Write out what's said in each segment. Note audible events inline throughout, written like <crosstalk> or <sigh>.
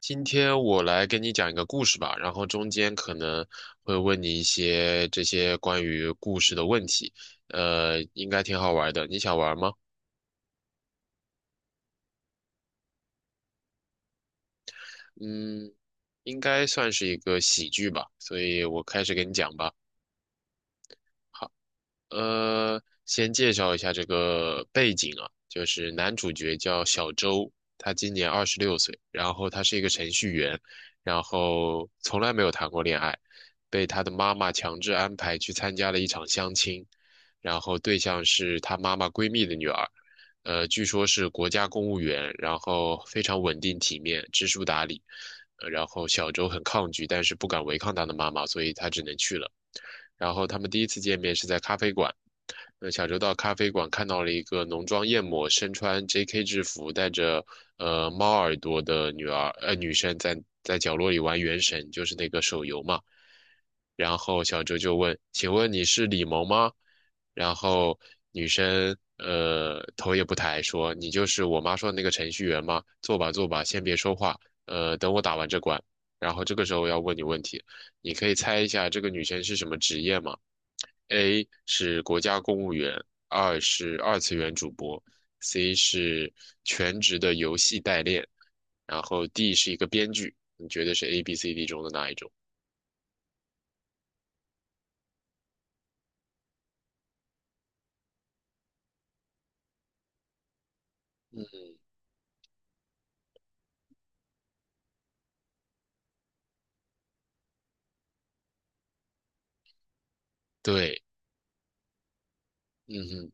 今天我来跟你讲一个故事吧，然后中间可能会问你一些这些关于故事的问题，应该挺好玩的，你想玩吗？嗯，应该算是一个喜剧吧，所以我开始给你讲吧。好。先介绍一下这个背景啊，就是男主角叫小周，他今年26岁，然后他是一个程序员，然后从来没有谈过恋爱，被他的妈妈强制安排去参加了一场相亲，然后对象是他妈妈闺蜜的女儿，据说是国家公务员，然后非常稳定体面，知书达理。然后小周很抗拒，但是不敢违抗他的妈妈，所以他只能去了。然后他们第一次见面是在咖啡馆。小周到咖啡馆看到了一个浓妆艳抹、身穿 JK 制服、带着猫耳朵的女生在角落里玩《原神》，就是那个手游嘛。然后小周就问："请问你是李萌吗？"然后女生头也不抬说："你就是我妈说的那个程序员吗？坐吧坐吧，先别说话，等我打完这关。"然后这个时候我要问你问题，你可以猜一下这个女生是什么职业吗？A 是国家公务员，二是二次元主播，C 是全职的游戏代练，然后 D 是一个编剧。你觉得是 A、B、C、D 中的哪一种？对。嗯哼。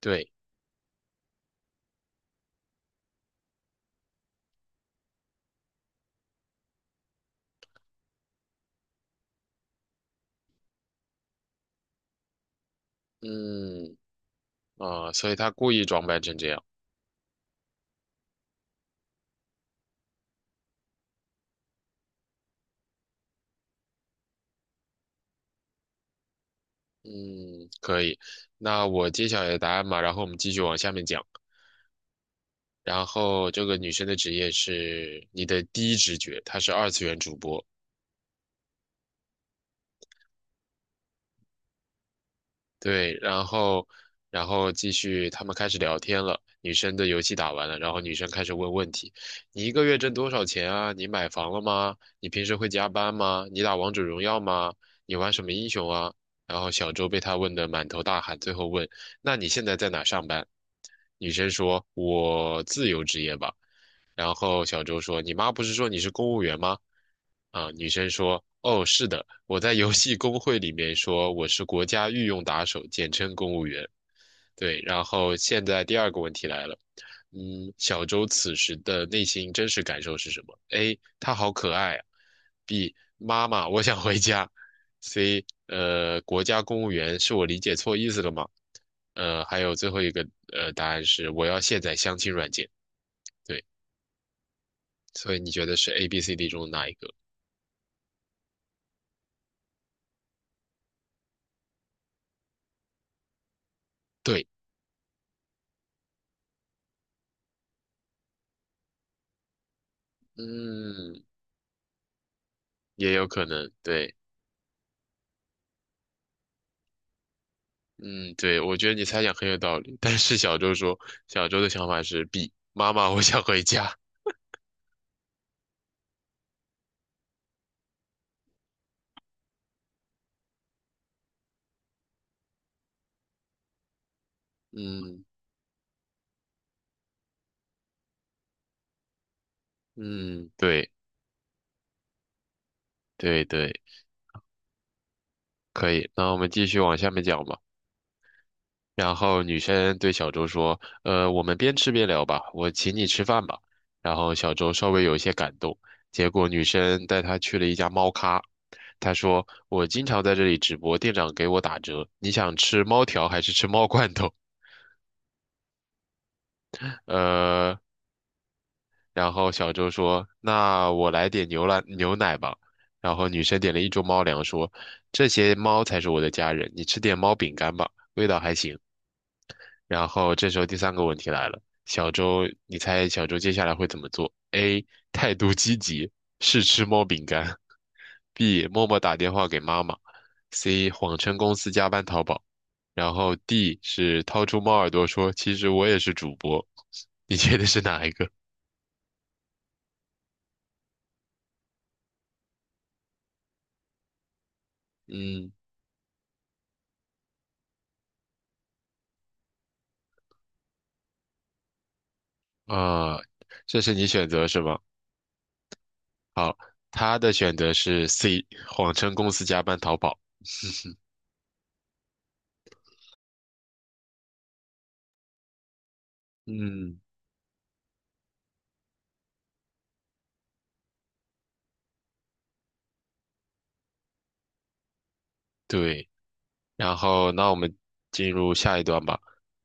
对。嗯。啊，所以他故意装扮成这样。嗯，可以。那我揭晓你的答案嘛，然后我们继续往下面讲。然后这个女生的职业是你的第一直觉，她是二次元主播。对。然后继续，他们开始聊天了。女生的游戏打完了，然后女生开始问问题："你一个月挣多少钱啊？你买房了吗？你平时会加班吗？你打王者荣耀吗？你玩什么英雄啊？"然后小周被他问得满头大汗，最后问："那你现在在哪上班？"女生说："我自由职业吧。"然后小周说："你妈不是说你是公务员吗？"啊，女生说："哦，是的，我在游戏公会里面说我是国家御用打手，简称公务员。"对，然后现在第二个问题来了。嗯，小周此时的内心真实感受是什么？A. 他好可爱啊，B. 妈妈，我想回家，C. 国家公务员是我理解错意思了吗？还有最后一个答案是我要卸载相亲软件。对，所以你觉得是 A、B、C、D 中的哪一个？对。嗯。也有可能。对。嗯。对，我觉得你猜想很有道理。但是小周说，小周的想法是 B，妈妈，我想回家。嗯。嗯。对对对，可以。那我们继续往下面讲吧。然后女生对小周说："我们边吃边聊吧，我请你吃饭吧。"然后小周稍微有一些感动，结果女生带他去了一家猫咖。他说："我经常在这里直播，店长给我打折。你想吃猫条还是吃猫罐头？" <laughs> 呃，然后小周说："那我来点牛奶吧。"然后女生点了一桌猫粮，说："这些猫才是我的家人，你吃点猫饼干吧，味道还行。"然后这时候第三个问题来了。小周，你猜小周接下来会怎么做？A. 态度积极，试吃猫饼干；B. 默默打电话给妈妈；C. 谎称公司加班淘宝；然后 D 是掏出猫耳朵说："其实我也是主播。"你觉得是哪一个？嗯。啊、这是你选择是吗？好，他的选择是 C，谎称公司加班淘宝。<laughs> 嗯，对。然后，那我们进入下一段吧。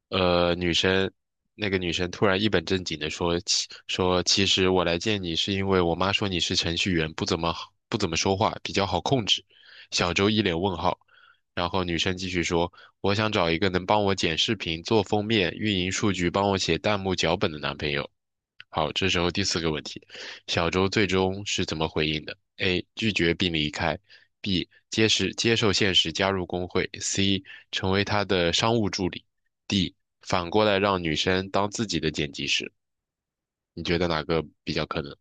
呃，女生，那个女生突然一本正经的说，其实我来见你是因为我妈说你是程序员，不怎么说话，比较好控制。小周一脸问号。然后女生继续说，我想找一个能帮我剪视频、做封面、运营数据、帮我写弹幕脚本的男朋友。好，这时候第四个问题，小周最终是怎么回应的？A. 拒绝并离开。B. 接受现实，加入工会；C 成为他的商务助理；D 反过来让女生当自己的剪辑师。你觉得哪个比较可能？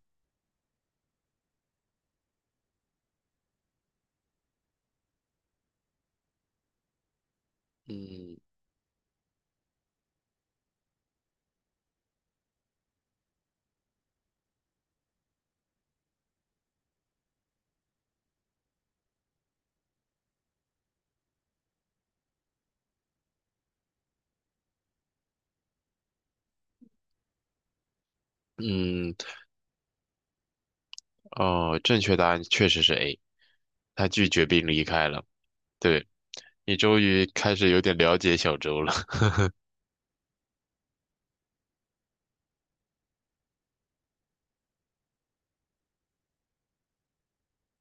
嗯。嗯。哦，正确答案确实是 A，他拒绝并离开了。对，你终于开始有点了解小周了。<laughs>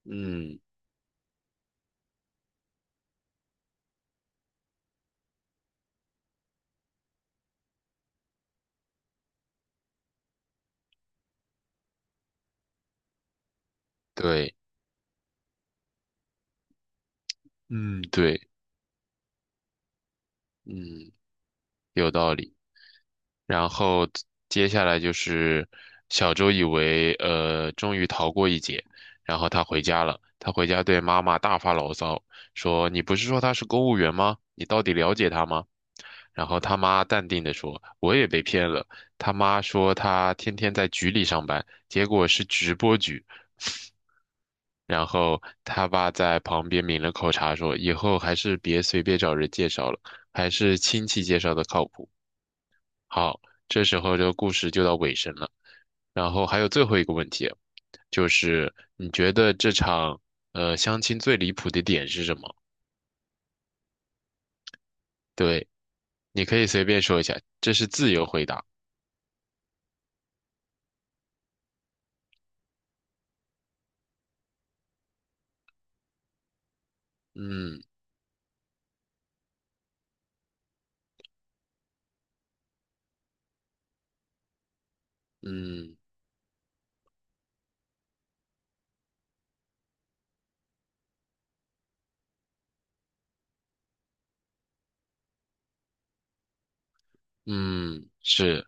嗯，对。嗯，对。嗯，有道理。然后接下来就是小周以为终于逃过一劫，然后他回家了。他回家对妈妈大发牢骚，说："你不是说他是公务员吗？你到底了解他吗？"然后他妈淡定地说："我也被骗了。"他妈说他天天在局里上班，结果是直播局。然后他爸在旁边抿了口茶，说："以后还是别随便找人介绍了，还是亲戚介绍的靠谱。"好，这时候这个故事就到尾声了。然后还有最后一个问题，就是你觉得这场相亲最离谱的点是什么？对，你可以随便说一下，这是自由回答。嗯。嗯。嗯。是。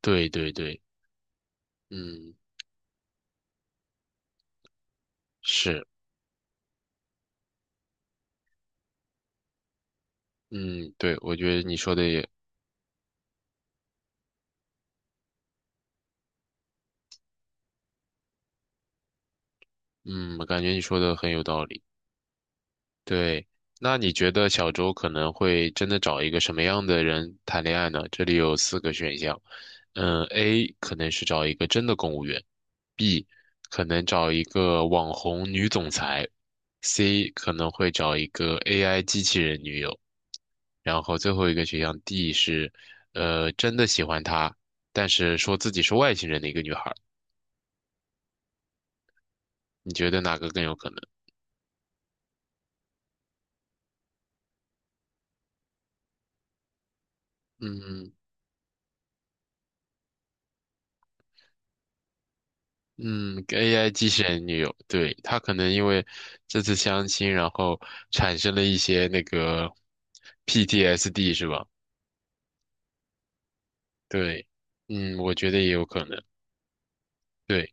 对对对。嗯。是。嗯。对，我觉得你说的也，嗯，感觉你说的很有道理。对，那你觉得小周可能会真的找一个什么样的人谈恋爱呢？这里有四个选项。嗯，A 可能是找一个真的公务员，B 可能找一个网红女总裁，C 可能会找一个 AI 机器人女友，然后最后一个选项 D 是，真的喜欢他，但是说自己是外星人的一个女孩儿。你觉得哪个更有可能？嗯。嗯。AI 机器人女友，对，她可能因为这次相亲，然后产生了一些那个 PTSD 是吧？对。嗯，我觉得也有可能。对，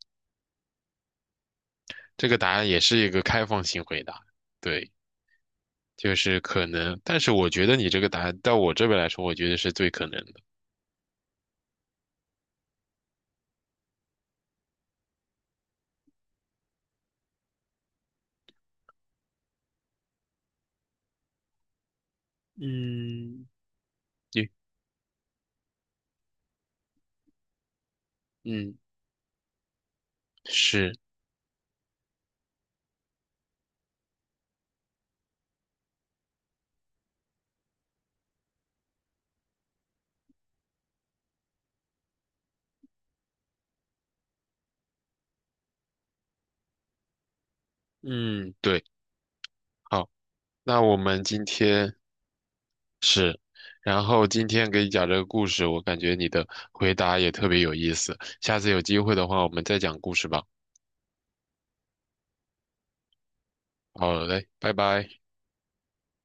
这个答案也是一个开放性回答。对，就是可能，但是我觉得你这个答案到我这边来说，我觉得是最可能的。嗯。你。嗯。是。嗯。对。好，那我们今天是，然后今天给你讲这个故事，我感觉你的回答也特别有意思。下次有机会的话，我们再讲故事吧。好嘞，拜拜。